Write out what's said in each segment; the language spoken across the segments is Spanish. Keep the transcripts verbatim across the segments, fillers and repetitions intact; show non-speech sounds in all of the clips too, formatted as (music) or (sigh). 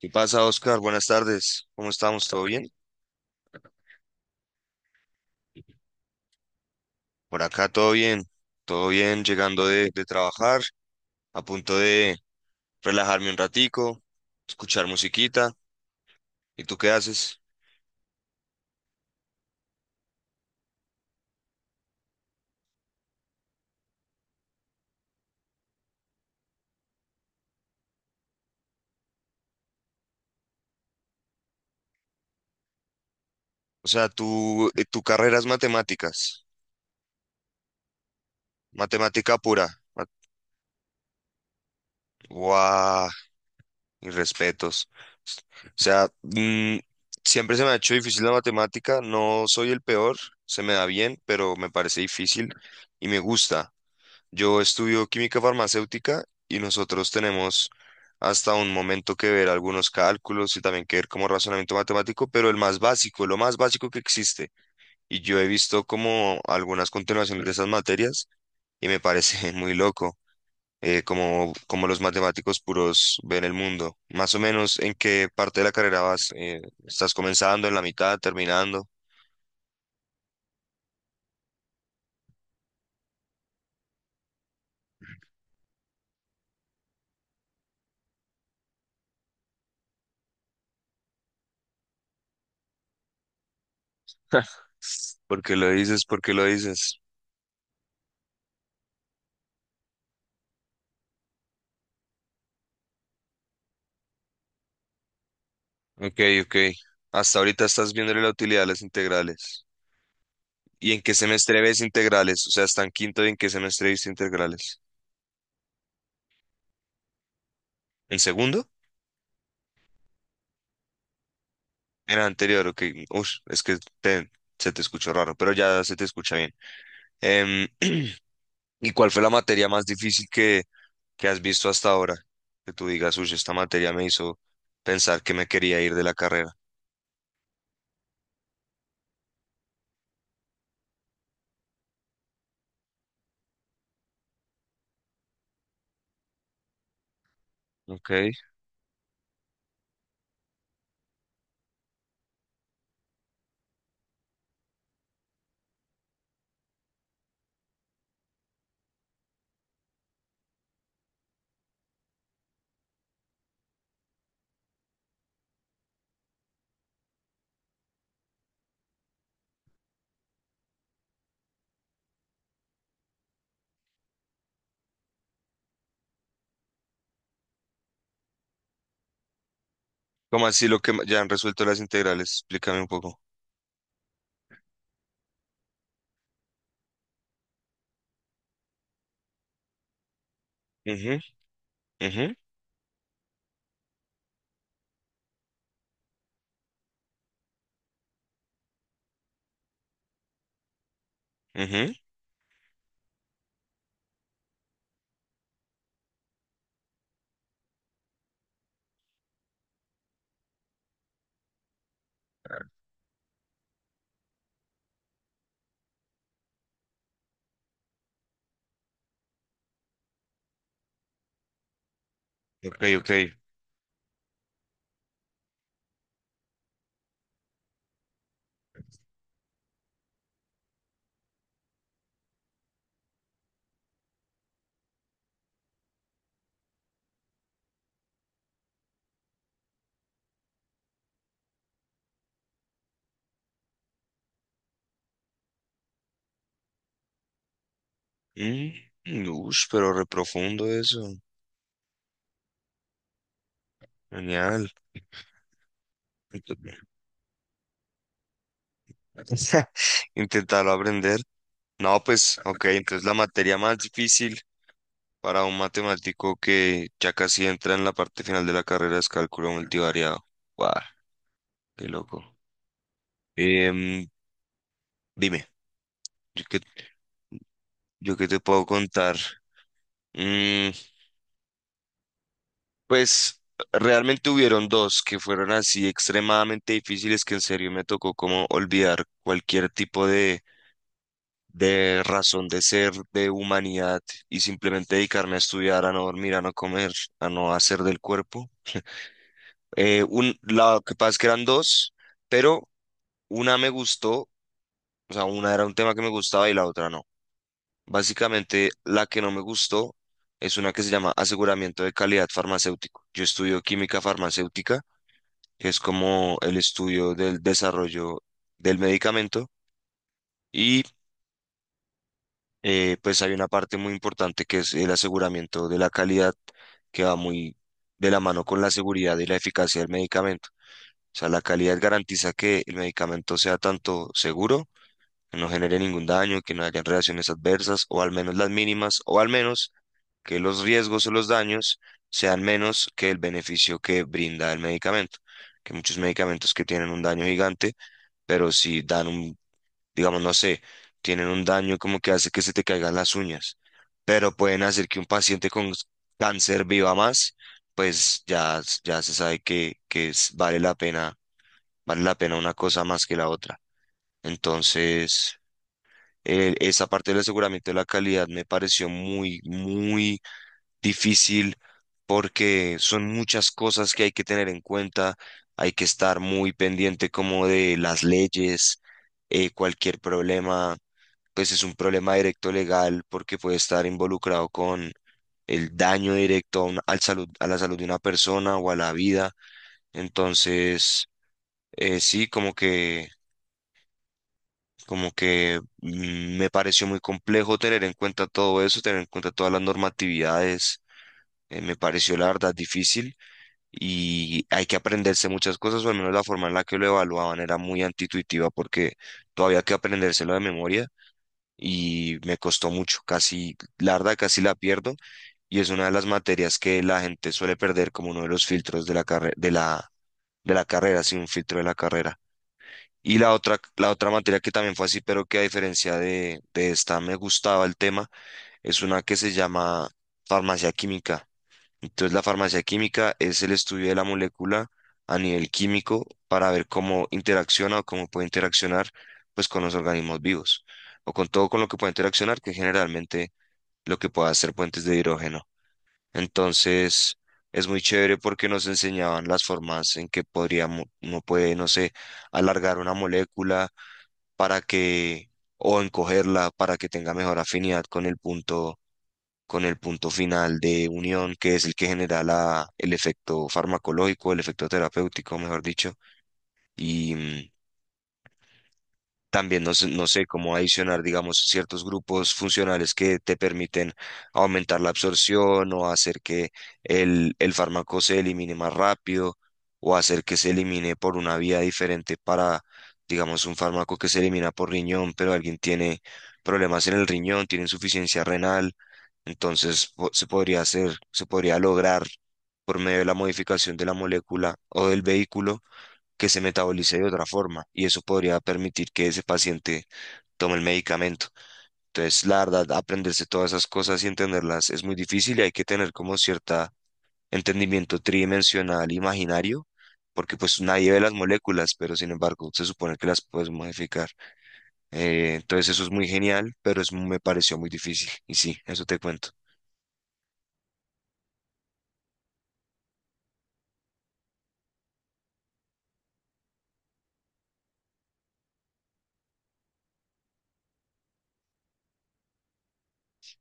¿Qué pasa, Oscar? Buenas tardes. ¿Cómo estamos? ¿Todo bien? Por acá todo bien. Todo bien, llegando de, de trabajar, a punto de relajarme un ratico, escuchar musiquita. ¿Y tú qué haces? O sea, tú, eh, tu carrera es matemáticas, matemática pura. Ma- ¡Guau! Mis respetos. O sea, mm, siempre se me ha hecho difícil la matemática. No soy el peor, se me da bien, pero me parece difícil y me gusta. Yo estudio química farmacéutica y nosotros tenemos hasta un momento que ver algunos cálculos y también que ver como razonamiento matemático, pero el más básico, lo más básico que existe. Y yo he visto como algunas continuaciones de esas materias y me parece (laughs) muy loco, eh, como, como los matemáticos puros ven el mundo. Más o menos, ¿en qué parte de la carrera vas? Eh, estás comenzando, en la mitad, terminando? ¿Por qué lo dices? ¿Por qué lo dices? Ok, ok. Hasta ahorita estás viendo la utilidad de las integrales. ¿Y en qué semestre ves integrales? O sea, está en quinto y en qué semestre viste integrales. ¿En segundo? Era anterior, ok. Ush, es que te- se te escuchó raro, pero ya se te escucha bien. Em, (clears throat) ¿Y cuál fue la materia más difícil que, que has visto hasta ahora? Que tú digas, uy, esta materia me hizo pensar que me quería ir de la carrera. Ok. ¿Cómo así lo que ma- ya han resuelto las integrales? Explícame un poco. Ujú, ujú, ujú. Ok, ok. Mm, ush, pero reprofundo eso. Genial. (laughs) Intentarlo aprender. No, pues, ok, entonces la materia más difícil para un matemático que ya casi entra en la parte final de la carrera es cálculo multivariado. Guau, qué loco. Em, dime, ¿yo qué, yo qué te puedo contar? Mm, pues, realmente hubieron dos que fueron así extremadamente difíciles que en serio me tocó como olvidar cualquier tipo de de razón de ser, de humanidad y simplemente dedicarme a estudiar, a no dormir, a no comer, a no hacer del cuerpo. Eh, un, la que pasa es que eran dos, pero una me gustó, o sea, una era un tema que me gustaba y la otra no. Básicamente, la que no me gustó es una que se llama aseguramiento de calidad farmacéutico. Yo estudio química farmacéutica, que es como el estudio del desarrollo del medicamento. Y eh, pues hay una parte muy importante que es el aseguramiento de la calidad, que va muy de la mano con la seguridad y la eficacia del medicamento. O sea, la calidad garantiza que el medicamento sea tanto seguro, que no genere ningún daño, que no hayan reacciones adversas, o al menos las mínimas, o al menos que los riesgos o los daños sean menos que el beneficio que brinda el medicamento. Que muchos medicamentos que tienen un daño gigante, pero si dan un digamos, no sé, tienen un daño como que hace que se te caigan las uñas, pero pueden hacer que un paciente con s- cáncer viva más, pues ya, s- ya se sabe que, que es- vale la pena, vale la pena una cosa más que la otra. Entonces, eh, esa parte del aseguramiento de la calidad me pareció muy, muy difícil porque son muchas cosas que hay que tener en cuenta, hay que estar muy pendiente como de las leyes, eh, cualquier problema pues es un problema directo legal porque puede estar involucrado con el daño directo a, una- al salud, a la salud de una persona o a la vida. Entonces, eh, sí, como que, como que mm, me pareció muy complejo tener en cuenta todo eso, tener en cuenta todas las normatividades. eh, me pareció la verdad difícil y hay que aprenderse muchas cosas, o al menos la forma en la que lo evaluaban era muy antituitiva porque todavía hay que aprendérselo de memoria. Y me costó mucho, casi, la verdad, casi la pierdo y es una de las materias que la gente suele perder como uno de los filtros de la carre- de la, de la carrera, sí, un filtro de la carrera. Y la otra, la otra materia que también fue así, pero que a diferencia de, de esta me gustaba el tema, es una que se llama farmacia química. Entonces, la farmacia química es el estudio de la molécula a nivel químico para ver cómo interacciona o cómo puede interaccionar pues con los organismos vivos o con todo con lo que puede interaccionar, que generalmente lo que puede hacer puentes de hidrógeno. Entonces, es muy chévere porque nos enseñaban las formas en que podríamos, uno puede, no sé, alargar una molécula para que o encogerla para que tenga mejor afinidad con el punto con el punto final de unión, que es el que genera la, el efecto farmacológico, el efecto terapéutico, mejor dicho, y mm, también no, sé- no sé cómo adicionar, digamos, ciertos grupos funcionales que te permiten aumentar la absorción o hacer que el, el fármaco se elimine más rápido o hacer que se elimine por una vía diferente para, digamos, un fármaco que se elimina por riñón, pero alguien tiene problemas en el riñón, tiene insuficiencia renal entonces po- se podría hacer, se podría lograr por medio de la modificación de la molécula o del vehículo que se metabolice de otra forma y eso podría permitir que ese paciente tome el medicamento. Entonces, la verdad, aprenderse todas esas cosas y entenderlas es muy difícil y hay que tener como cierta entendimiento tridimensional imaginario, porque pues nadie ve las moléculas, pero sin embargo se supone que las puedes modificar. Eh, entonces eso es muy genial, pero es, me pareció muy difícil y sí, eso te cuento.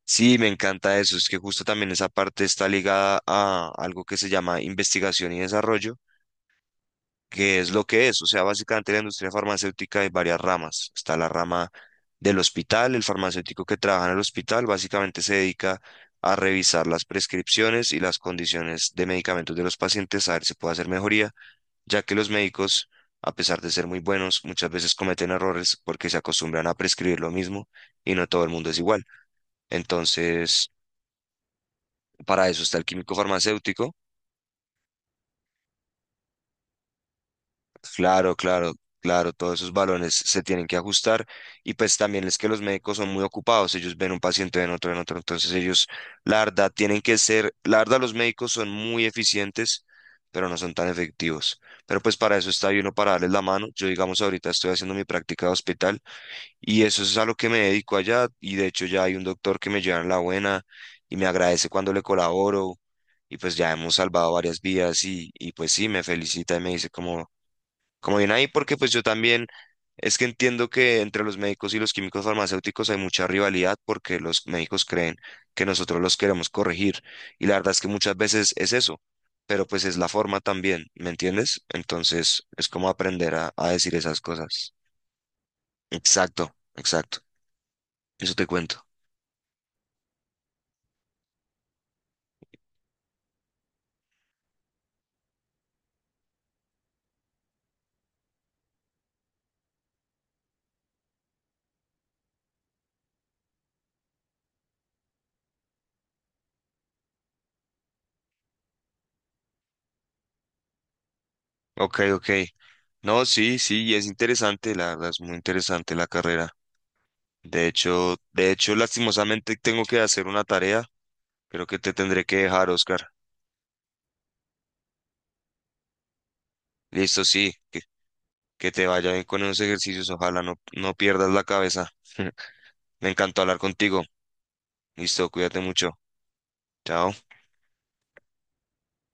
Sí, me encanta eso. Es que justo también esa parte está ligada a algo que se llama investigación y desarrollo, que es lo que es. O sea, básicamente la industria farmacéutica hay varias ramas. Está la rama del hospital, el farmacéutico que trabaja en el hospital básicamente se dedica a revisar las prescripciones y las condiciones de medicamentos de los pacientes, a ver si puede hacer mejoría, ya que los médicos, a pesar de ser muy buenos, muchas veces cometen errores porque se acostumbran a prescribir lo mismo y no todo el mundo es igual. Entonces... Para eso está el químico farmacéutico. Claro, claro, claro, todos esos balones se tienen que ajustar. Y pues también es que los médicos son muy ocupados, ellos ven un paciente, ven otro, ven otro. Entonces ellos, la verdad, tienen que ser, la verdad, los médicos son muy eficientes, pero no son tan efectivos. Pero pues para eso está ahí uno para darles la mano. Yo, digamos, ahorita estoy haciendo mi práctica de hospital y eso es a lo que me dedico allá. Y de hecho ya hay un doctor que me lleva en la buena y me agradece cuando le colaboro. Y pues ya hemos salvado varias vidas y, y pues sí, me felicita y me dice como, como bien ahí, porque pues yo también es que entiendo que entre los médicos y los químicos farmacéuticos hay mucha rivalidad porque los médicos creen que nosotros los queremos corregir. Y la verdad es que muchas veces es eso, pero pues es la forma también, ¿me entiendes? Entonces es como aprender a, a decir esas cosas. Exacto, exacto. Eso te cuento. Ok, ok. No, sí, sí, y es interesante, la verdad, es muy interesante la carrera. De hecho, de hecho, lastimosamente tengo que hacer una tarea. Creo que te tendré que dejar, Oscar. Listo, sí, que, que te vaya bien con esos ejercicios. Ojalá no, no pierdas la cabeza. (laughs) Me encantó hablar contigo. Listo, cuídate mucho. Chao.